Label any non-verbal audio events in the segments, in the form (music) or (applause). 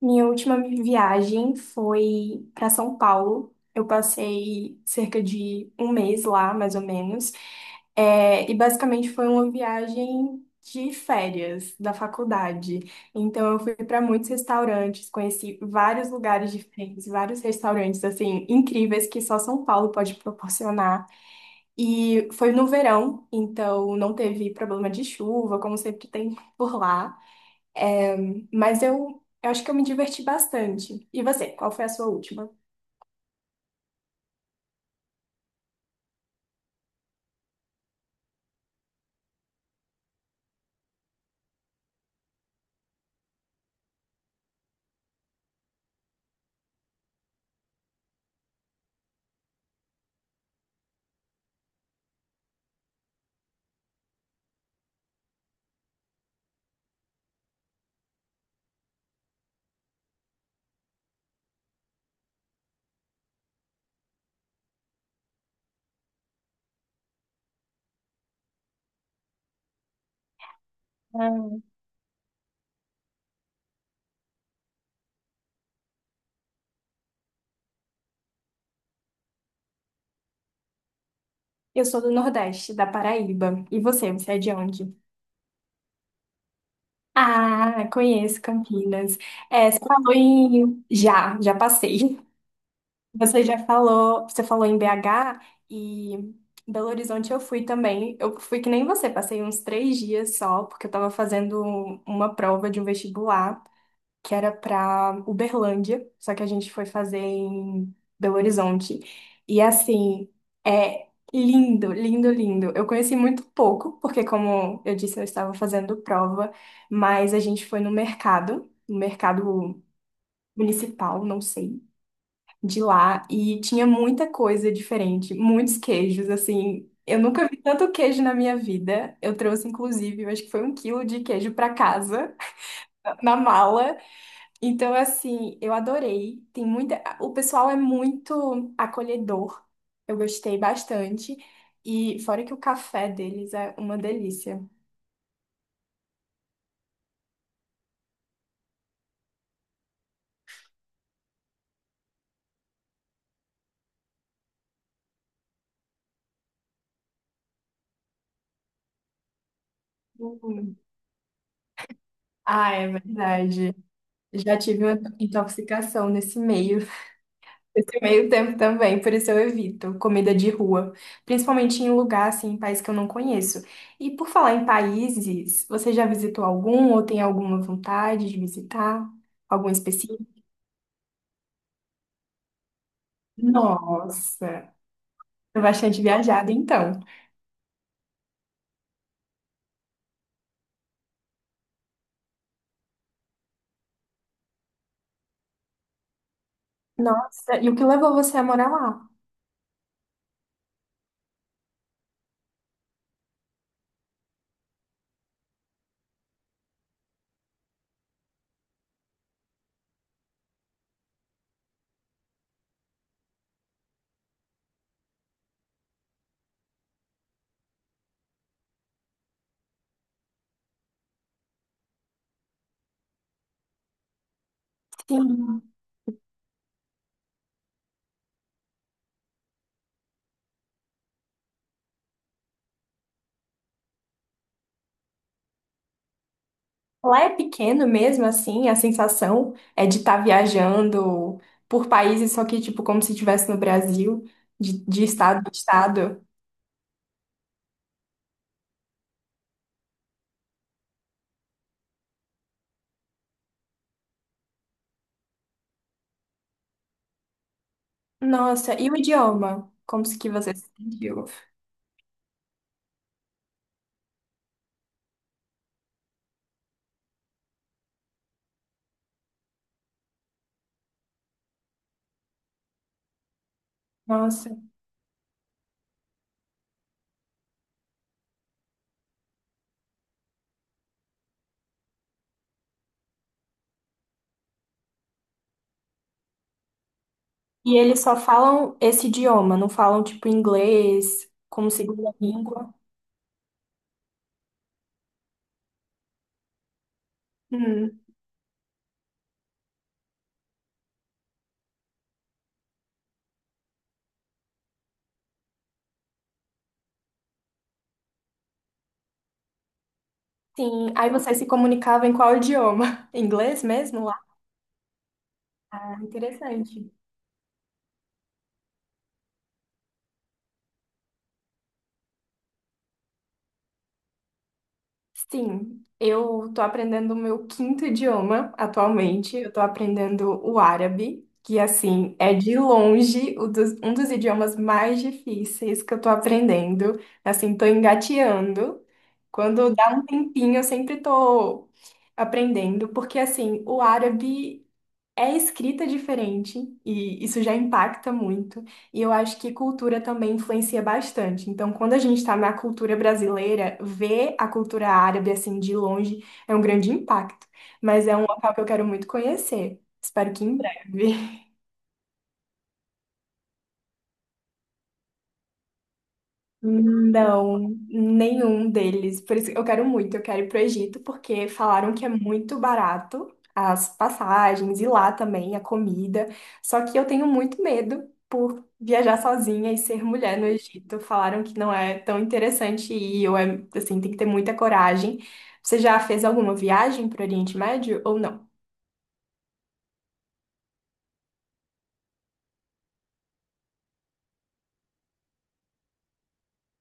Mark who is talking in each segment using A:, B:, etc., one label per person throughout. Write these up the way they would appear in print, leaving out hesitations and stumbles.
A: Minha última viagem foi para São Paulo. Eu passei cerca de um mês lá, mais ou menos. É, e basicamente foi uma viagem de férias da faculdade. Então eu fui para muitos restaurantes, conheci vários lugares diferentes, vários restaurantes assim incríveis que só São Paulo pode proporcionar. E foi no verão, então não teve problema de chuva, como sempre tem (laughs) por lá. Mas eu acho que eu me diverti bastante. E você, qual foi a sua última? Ah, eu sou do Nordeste, da Paraíba. E você, você é de onde? Ah, conheço Campinas. É, você falou em. Já, já passei. Você falou em BH e em Belo Horizonte eu fui também. Eu fui que nem você, passei uns 3 dias só, porque eu tava fazendo uma prova de um vestibular, que era pra Uberlândia, só que a gente foi fazer em Belo Horizonte. E assim, é lindo, lindo, lindo. Eu conheci muito pouco, porque como eu disse, eu estava fazendo prova, mas a gente foi no mercado municipal, não sei, de lá, e tinha muita coisa diferente, muitos queijos, assim. Eu nunca vi tanto queijo na minha vida. Eu trouxe, inclusive, eu acho que foi um quilo de queijo pra casa, na mala. Então, assim, eu adorei. Tem muita. O pessoal é muito acolhedor. Eu gostei bastante. E fora que o café deles é uma delícia. Hum. Ah, é verdade. Já tive uma intoxicação (laughs) nesse meio tempo também, por isso eu evito comida de rua, principalmente em lugar assim, em país que eu não conheço. E por falar em países, você já visitou algum ou tem alguma vontade de visitar? Algum específico? Nossa! Bastante viajada, então. Nossa, e o que levou você a morar lá? Sim. Lá é pequeno mesmo, assim, a sensação é de estar viajando por países, só que, tipo, como se estivesse no Brasil, de estado em estado. Nossa, e o idioma? Como se que você se sentiu? Nossa. E eles só falam esse idioma, não falam, tipo, inglês como segunda língua? Hum, sim. Aí você se comunicava em qual idioma? (laughs) Inglês mesmo lá? Ah, interessante. Sim, eu tô aprendendo o meu quinto idioma atualmente. Eu tô aprendendo o árabe, que assim é de longe um dos idiomas mais difíceis que eu tô aprendendo. Assim, tô engateando. Quando dá um tempinho, eu sempre tô aprendendo, porque assim, o árabe é escrita diferente e isso já impacta muito. E eu acho que cultura também influencia bastante. Então, quando a gente está na cultura brasileira, ver a cultura árabe assim de longe é um grande impacto. Mas é um local que eu quero muito conhecer. Espero que em breve. Não, nenhum deles. Por isso que eu quero muito, eu quero ir para Egito, porque falaram que é muito barato as passagens e lá também a comida. Só que eu tenho muito medo por viajar sozinha e ser mulher no Egito. Falaram que não é tão interessante ir, ou é, assim, tem que ter muita coragem. Você já fez alguma viagem pro Oriente Médio ou não?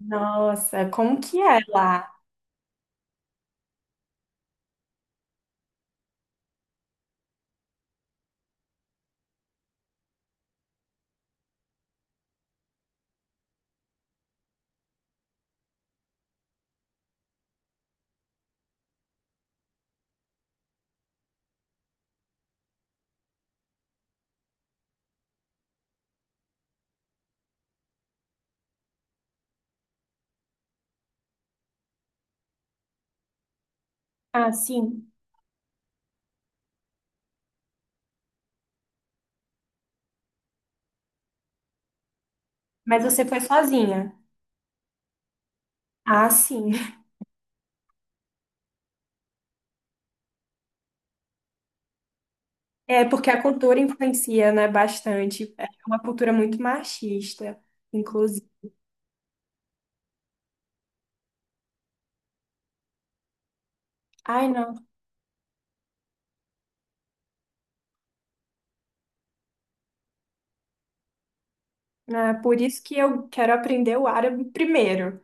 A: Nossa, como que é lá? Ah, sim. Mas você foi sozinha. Ah, sim. É, porque a cultura influencia, né, bastante. É uma cultura muito machista, inclusive. Ai, não. É por isso que eu quero aprender o árabe primeiro,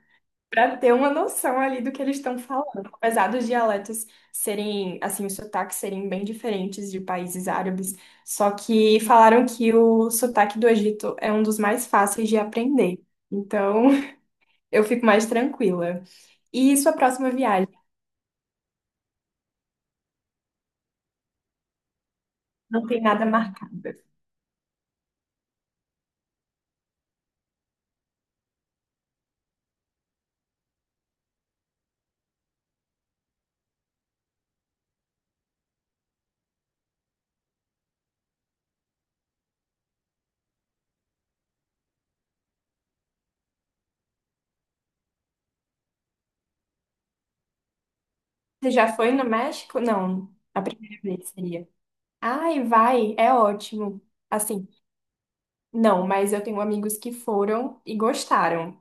A: para ter uma noção ali do que eles estão falando. Apesar dos dialetos serem, assim, os sotaques serem bem diferentes de países árabes, só que falaram que o sotaque do Egito é um dos mais fáceis de aprender. Então, (laughs) eu fico mais tranquila. E sua próxima viagem? Não tem nada marcado. Você já foi no México? Não, a primeira vez seria. Ai, vai, é ótimo. Assim, não, mas eu tenho amigos que foram e gostaram.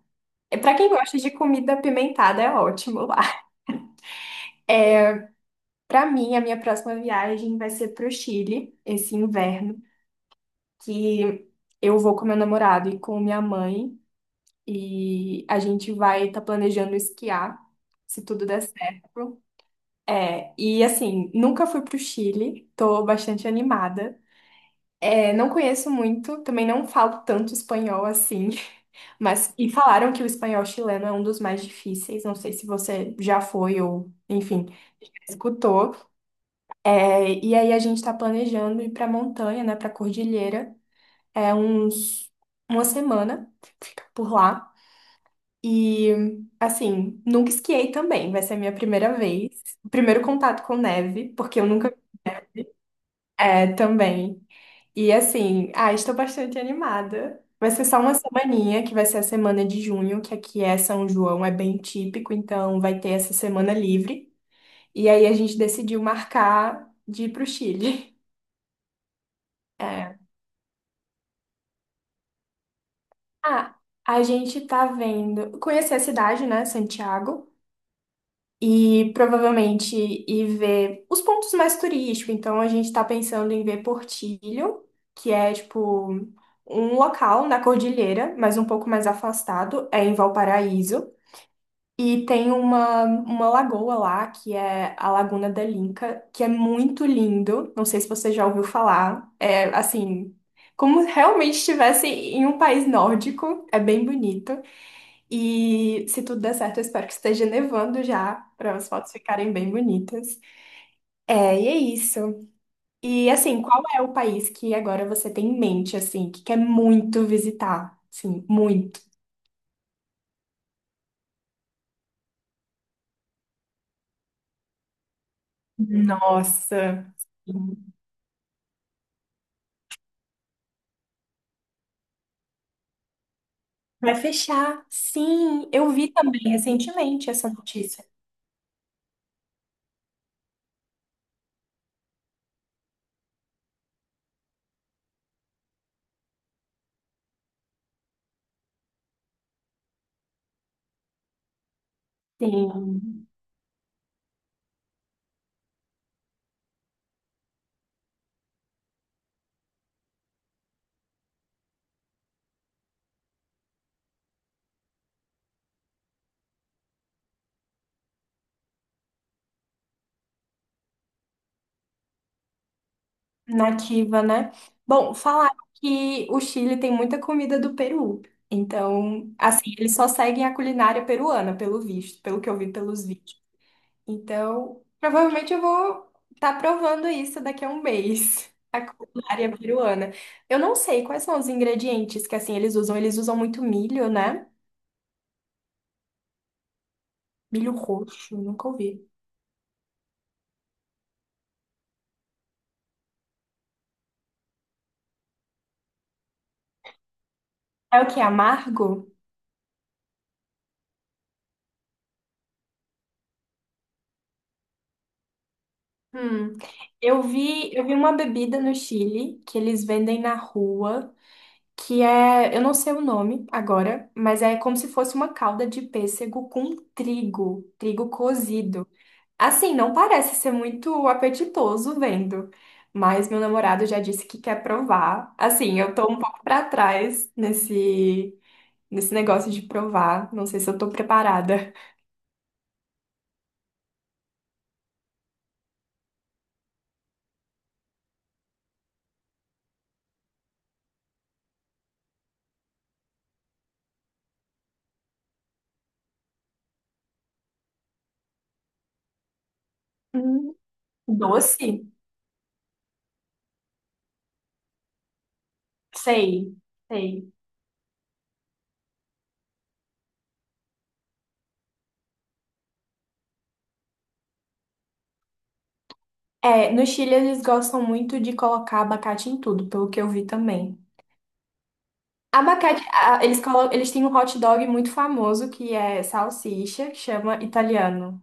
A: É para quem gosta de comida apimentada, é ótimo lá. (laughs) É, para mim, a minha próxima viagem vai ser pro Chile esse inverno, que eu vou com meu namorado e com minha mãe e a gente vai estar planejando esquiar, se tudo der certo. É, e assim, nunca fui pro Chile, tô bastante animada. É, não conheço muito, também não falo tanto espanhol assim, (laughs) mas e falaram que o espanhol chileno é um dos mais difíceis. Não sei se você já foi ou, enfim, escutou. É, e aí a gente está planejando ir para montanha, né, para cordilheira, é uns uma semana fica por lá. E assim, nunca esquiei também, vai ser a minha primeira vez, primeiro contato com neve, porque eu nunca é também. E assim, ah, estou bastante animada. Vai ser só uma semaninha, que vai ser a semana de junho, que aqui é São João, é bem típico, então vai ter essa semana livre. E aí a gente decidiu marcar de ir pro Chile. É. Ah, a gente tá vendo. Conhecer a cidade, né? Santiago, e provavelmente ir ver os pontos mais turísticos. Então, a gente está pensando em ver Portillo, que é tipo um local na cordilheira, mas um pouco mais afastado, é em Valparaíso. E tem uma lagoa lá, que é a Laguna da Linca, que é muito lindo. Não sei se você já ouviu falar. É assim, como realmente estivesse em um país nórdico, é bem bonito. E se tudo der certo, eu espero que esteja nevando já, para as fotos ficarem bem bonitas. É, e é isso. E assim, qual é o país que agora você tem em mente, assim, que quer muito visitar? Sim, muito. Nossa. Vai fechar. Sim, eu vi também recentemente essa notícia. Tem nativa, né? Bom, falaram que o Chile tem muita comida do Peru. Então, assim, eles só seguem a culinária peruana, pelo visto, pelo que eu vi pelos vídeos. Então, provavelmente eu vou estar provando isso daqui a um mês, (laughs) a culinária peruana. Eu não sei quais são os ingredientes que, assim, eles usam. Eles usam muito milho, né? Milho roxo, nunca ouvi. É o que? Amargo? Hum, eu vi uma bebida no Chile que eles vendem na rua, que é, eu não sei o nome agora, mas é como se fosse uma calda de pêssego com trigo, trigo cozido. Assim, não parece ser muito apetitoso vendo, mas meu namorado já disse que quer provar. Assim, eu tô um pouco pra trás nesse negócio de provar, não sei se eu tô preparada. Hum. Doce? Sei, sei. É, no Chile eles gostam muito de colocar abacate em tudo, pelo que eu vi também. Abacate. Eles têm um hot dog muito famoso que é salsicha, que chama italiano.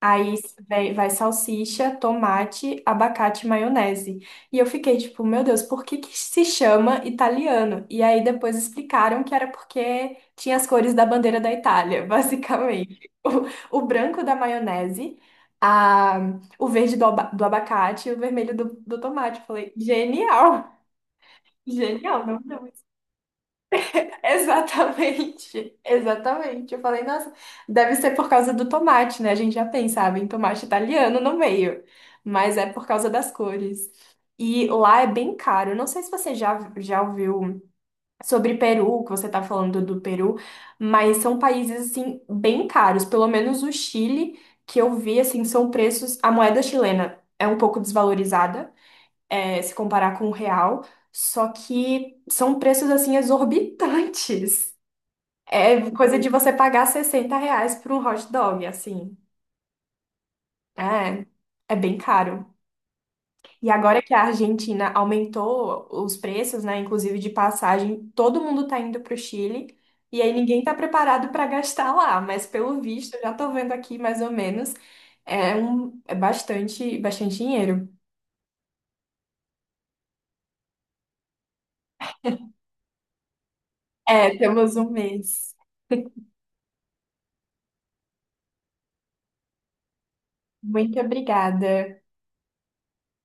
A: Aí vai salsicha, tomate, abacate, e maionese. E eu fiquei tipo, meu Deus, por que que se chama italiano? E aí depois explicaram que era porque tinha as cores da bandeira da Itália, (laughs) basicamente. O branco da maionese, a, o verde do abacate e o vermelho do tomate. Eu falei, genial! (laughs) Genial, não? (laughs) Exatamente, exatamente. Eu falei, nossa, deve ser por causa do tomate, né? A gente já pensava em tomate italiano no meio, mas é por causa das cores. E lá é bem caro. Eu não sei se você já, já ouviu sobre Peru, que você está falando do Peru, mas são países, assim, bem caros. Pelo menos o Chile, que eu vi, assim, são preços. A moeda chilena é um pouco desvalorizada, se comparar com o real, só que são preços, assim, exorbitantes. É coisa de você pagar R$ 60 por um hot dog, assim. É, é bem caro. E agora que a Argentina aumentou os preços, né, inclusive de passagem, todo mundo tá indo pro Chile. E aí ninguém tá preparado para gastar lá, mas pelo visto, eu já tô vendo aqui mais ou menos, é bastante, bastante dinheiro. É, temos um mês. Muito obrigada.